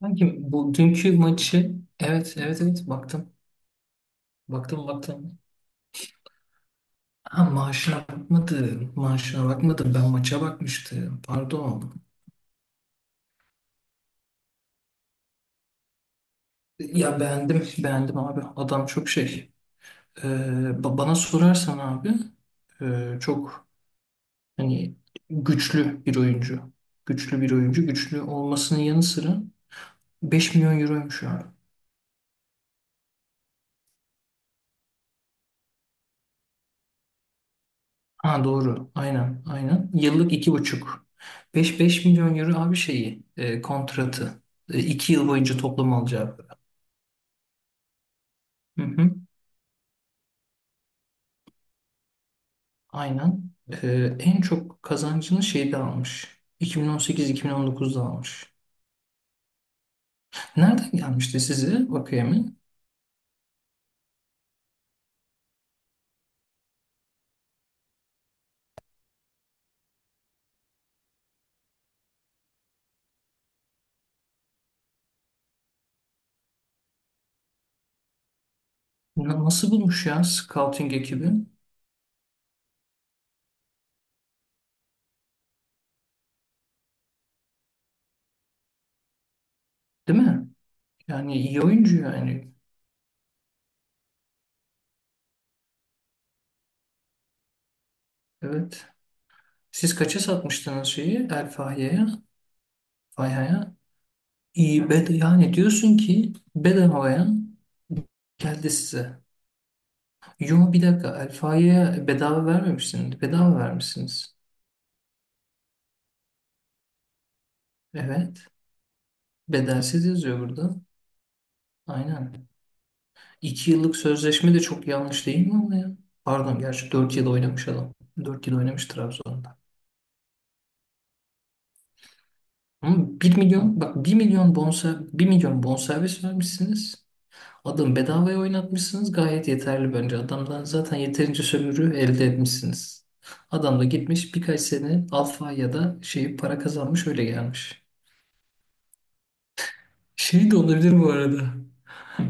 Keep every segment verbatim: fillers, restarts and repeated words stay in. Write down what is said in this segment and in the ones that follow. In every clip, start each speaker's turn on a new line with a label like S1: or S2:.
S1: Sanki bu dünkü maçı? Evet, evet, evet, baktım. Baktım, baktım. Ha, maaşına bakmadım. Maaşına bakmadım. Ben maça bakmıştım. Pardon. Ya beğendim. Beğendim abi. Adam çok şey. Ee, ba- Bana sorarsan abi, e, çok hani güçlü bir oyuncu. Güçlü bir oyuncu. Güçlü olmasının yanı sıra beş milyon euroymuş abi. Ha doğru. Aynen. Aynen. Yıllık iki buçuk. Beş beş milyon euro abi, şeyi, e, kontratı. E, iki yıl boyunca toplam alacağı para. Hı hı. Aynen. E, En çok kazancını şeyde almış. iki bin on sekiz iki bin on dokuzda almış. Nereden gelmişti size Vakayemi? Na- Nasıl bulmuş ya scouting ekibi? Değil mi? Yani iyi oyuncu yani. Evet. Siz kaça satmıştınız şeyi El Fahya'ya? Fahya'ya? İyi, bed yani diyorsun ki bedavaya geldi size. Yo, bir dakika, Alfa'ya bedava vermemişsiniz. Bedava vermişsiniz. Evet. Bedelsiz yazıyor burada. Aynen. İki yıllık sözleşme de çok yanlış değil mi ama ya? Pardon, gerçi dört yıl oynamış adam. Dört yıl oynamış Trabzon'da. Ama bir milyon, bak, bir milyon, bonsa bir milyon bonservis vermişsiniz. Adam bedavaya oynatmışsınız, gayet yeterli bence. Adamdan zaten yeterince sömürü elde etmişsiniz. Adam da gitmiş birkaç sene alfa ya da şey para kazanmış, öyle gelmiş. Şey de olabilir bu arada.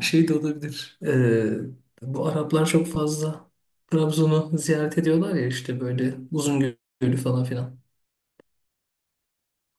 S1: Şey de olabilir. Ee, bu Araplar çok fazla Trabzon'u ziyaret ediyorlar ya, işte böyle uzun gölü falan filan.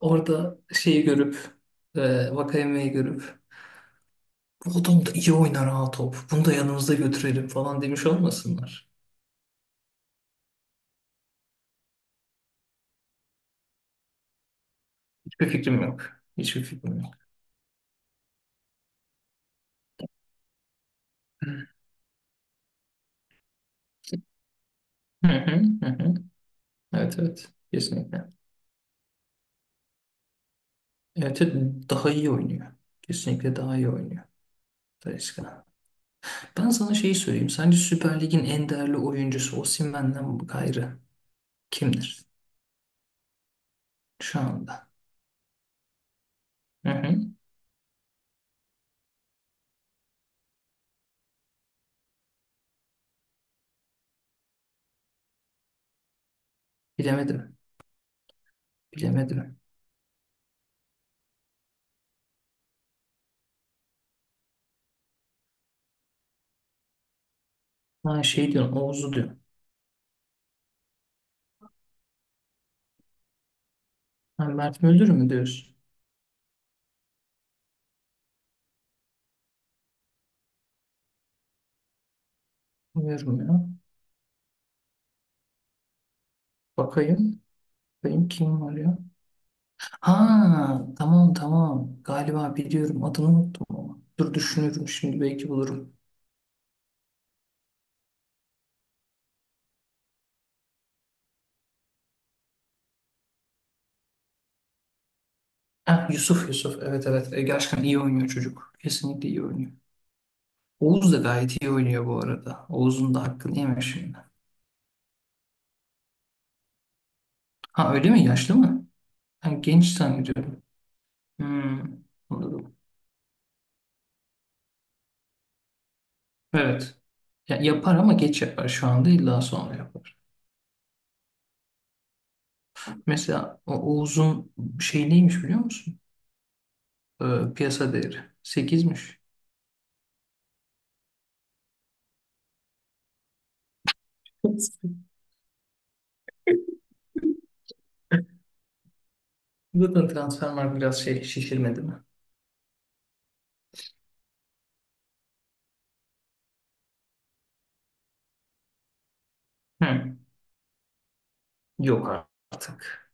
S1: Orada şeyi görüp, e, Vakayeme'yi görüp, bu adam da iyi oynar ha top. Bunu da yanımızda götürelim falan demiş olmasınlar. Bir fikrim yok. Hiçbir fikrim yok. Hı hı hı hı. Evet evet. Kesinlikle. Evet, evet, daha iyi oynuyor. Kesinlikle daha iyi oynuyor. Talisca. Ben sana şeyi söyleyeyim. Sence Süper Lig'in en değerli oyuncusu Osimhen'den gayrı kimdir şu anda? Hı hı. Bilemedim. Bilemedim. Ha, şey diyorsun, Oğuz'u diyor. Ha, Mert Müldür mü diyorsun? Bilmiyorum ya. Bakayım. Benim kim var ya? Ha, tamam tamam. Galiba biliyorum, adını unuttum ama. Dur, düşünürüm şimdi, belki bulurum. Ha, Yusuf, Yusuf, evet, evet. E, gerçekten iyi oynuyor çocuk. Kesinlikle iyi oynuyor. Oğuz da gayet iyi oynuyor bu arada. Oğuz'un da hakkını yeme şimdi. Ha, öyle mi? Yaşlı mı? Ben genç zannediyorum. Hmm, anladım. Evet. Ya, yapar ama geç yapar. Şu anda illa sonra yapar. Mesela o Oğuz'un şey neymiş biliyor musun? Ee, Piyasa değeri sekizmiş. Zaten transfer var biraz şey şişirmedi mi? Hı. Yok artık.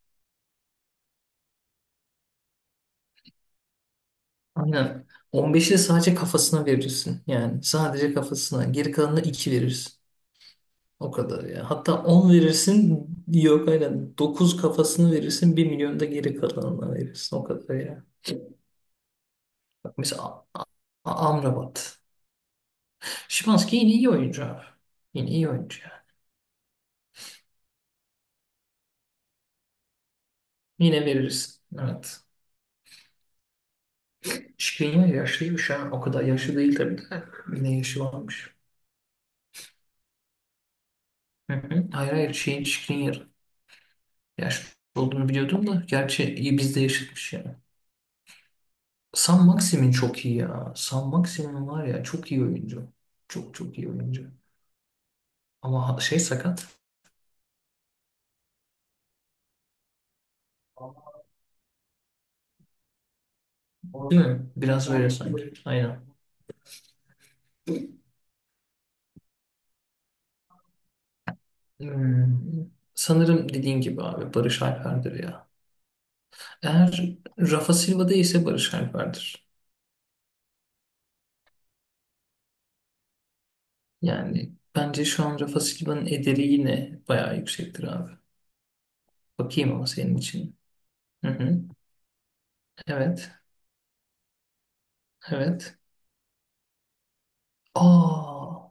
S1: Aynen. on beşi de sadece kafasına verirsin. Yani sadece kafasına. Geri kalanına iki verirsin. O kadar ya. Hatta on verirsin. Yok, aynen. dokuz kafasını verirsin. Bir milyon da geri kalanına verirsin. O kadar ya. Bak mesela A- A- Amrabat. Şimanski yine iyi oyuncu abi. Yine iyi oyuncu ya. Yine verirsin. Evet. Şikrin yaşlıymış ha. O kadar yaşlı değil tabii de. Yine yaşı varmış. Hı hı. Hayır hayır, şeyin Skriniar yaşlı olduğunu biliyordum da gerçi iyi bizde yaşatmış yani. San Maximin çok iyi ya. San Maximin var ya, çok iyi oyuncu. Çok çok iyi oyuncu. Ama ha- şey sakat. Değil mi? Biraz öyle sanki. Aynen. Hmm. Sanırım dediğin gibi abi Barış Alper'dir ya. Eğer Rafa Silva değilse Barış Alper'dir. Yani bence şu an Rafa Silva'nın ederi yine bayağı yüksektir abi. Bakayım ama senin için. Hı hı. Evet. Evet. Aa,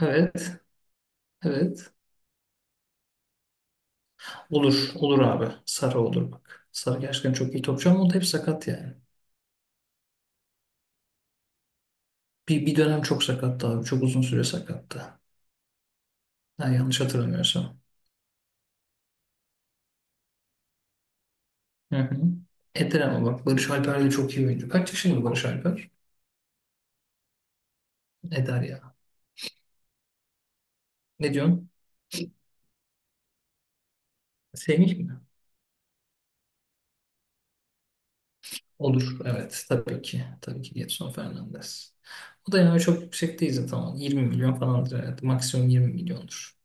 S1: evet, evet. Olur, olur abi. Sara olur bak. Sara gerçekten çok iyi topçu ama o da hep sakat yani. Bir, bir dönem çok sakattı abi. Çok uzun süre sakattı. Ha, yanlış hatırlamıyorsam. Hı hı. Eder ama bak, Barış Alper de çok iyi oyuncu. Kaç yaşında Barış Alper? Eder ya. Ne diyorsun? Semih mi? Olur. Evet. Tabii ki. Tabii ki Gedson Fernandes. O da yani çok yüksek değil zaten. yirmi milyon falandır herhalde. Maksimum yirmi milyondur.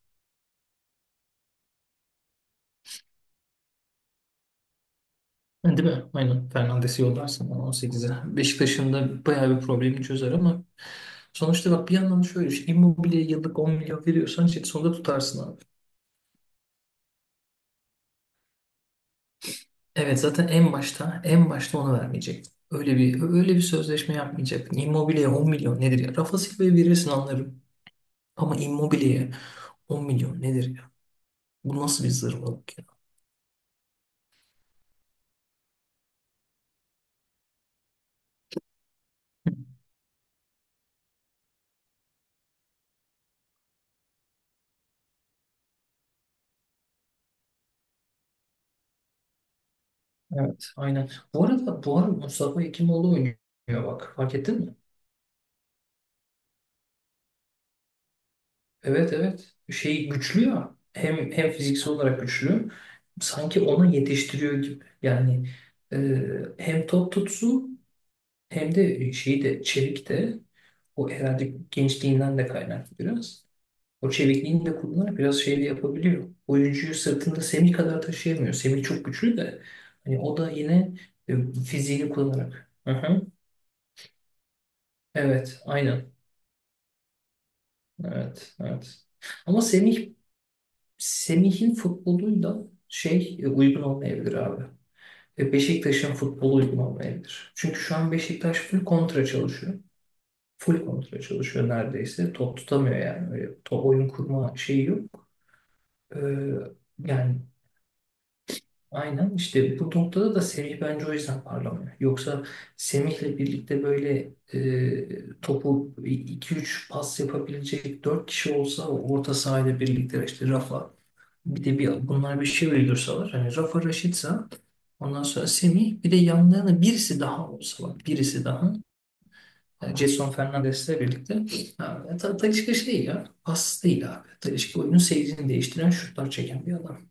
S1: Ha, değil mi? Aynen. Fernandes'i yollarsın bana on sekize. Beşiktaş'ın da bayağı bir problemi çözer ama sonuçta bak, bir yandan da şöyle düşün. Immobile'ye yıllık on milyon veriyorsan işte sonunda tutarsın abi. Evet, zaten en başta en başta onu vermeyecek. Öyle bir öyle bir sözleşme yapmayacak. Immobile'ye on milyon nedir ya? Rafa Silva'ya verirsin anlarım. Ama Immobile'ye on milyon nedir ya? Bu nasıl bir zırvalık ya? Evet, aynen. Bu arada bu arada Mustafa Ekimoğlu oynuyor bak. Fark ettin mi? Evet evet. Şey güçlü ya. Hem hem fiziksel olarak güçlü. Sanki onu yetiştiriyor gibi. Yani e, hem top tutsu, hem de şeyi de çevik de, o herhalde gençliğinden de kaynaklı biraz. O çevikliğini de kullanarak biraz şey de yapabiliyor. Oyuncuyu sırtında Semih kadar taşıyamıyor. Semih çok güçlü de hani, o da yine e, fiziğini kullanarak. Hı hı. Evet, aynen. Evet, evet. Ama Semih Semih'in futboluyla şey, e, uygun olmayabilir abi. E, Beşiktaş'ın futbolu uygun olmayabilir. Çünkü şu an Beşiktaş full kontra çalışıyor. Full kontra çalışıyor neredeyse. Top tutamıyor yani. Öyle top oyun kurma şeyi yok. E, Yani aynen işte, bu noktada da Semih bence o yüzden parlamıyor. Yoksa Semih'le birlikte böyle e, topu iki üç pas yapabilecek dört kişi olsa orta sahayla birlikte işte Rafa, bir de bir bunlar bir şey uydursalar hani Rafa Raşitsa, ondan sonra Semih, bir de yanlarına birisi daha olsa bak, birisi daha, yani Jason Fernandes'le birlikte, ha, ta, Talisca şey ya, pas değil abi. Talisca oyunun seyrini değiştiren şutlar çeken bir adam.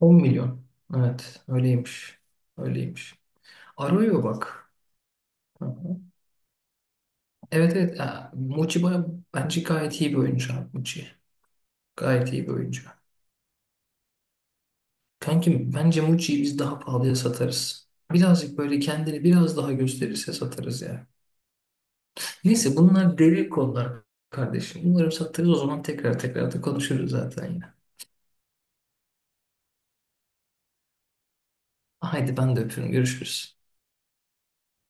S1: On milyon. Evet öyleymiş. Öyleymiş. Arroyo bak. Evet evet. Ha, Muçi, bana- bence gayet iyi bir oyuncu abi Muçi. Gayet iyi bir oyuncu. Kankim bence Mucci'yi biz daha pahalıya satarız. Birazcık böyle kendini biraz daha gösterirse satarız ya. Neyse bunlar derin konular kardeşim. Umarım satarız, o zaman tekrar tekrar da konuşuruz zaten yine. Haydi ben de öpüyorum. Görüşürüz.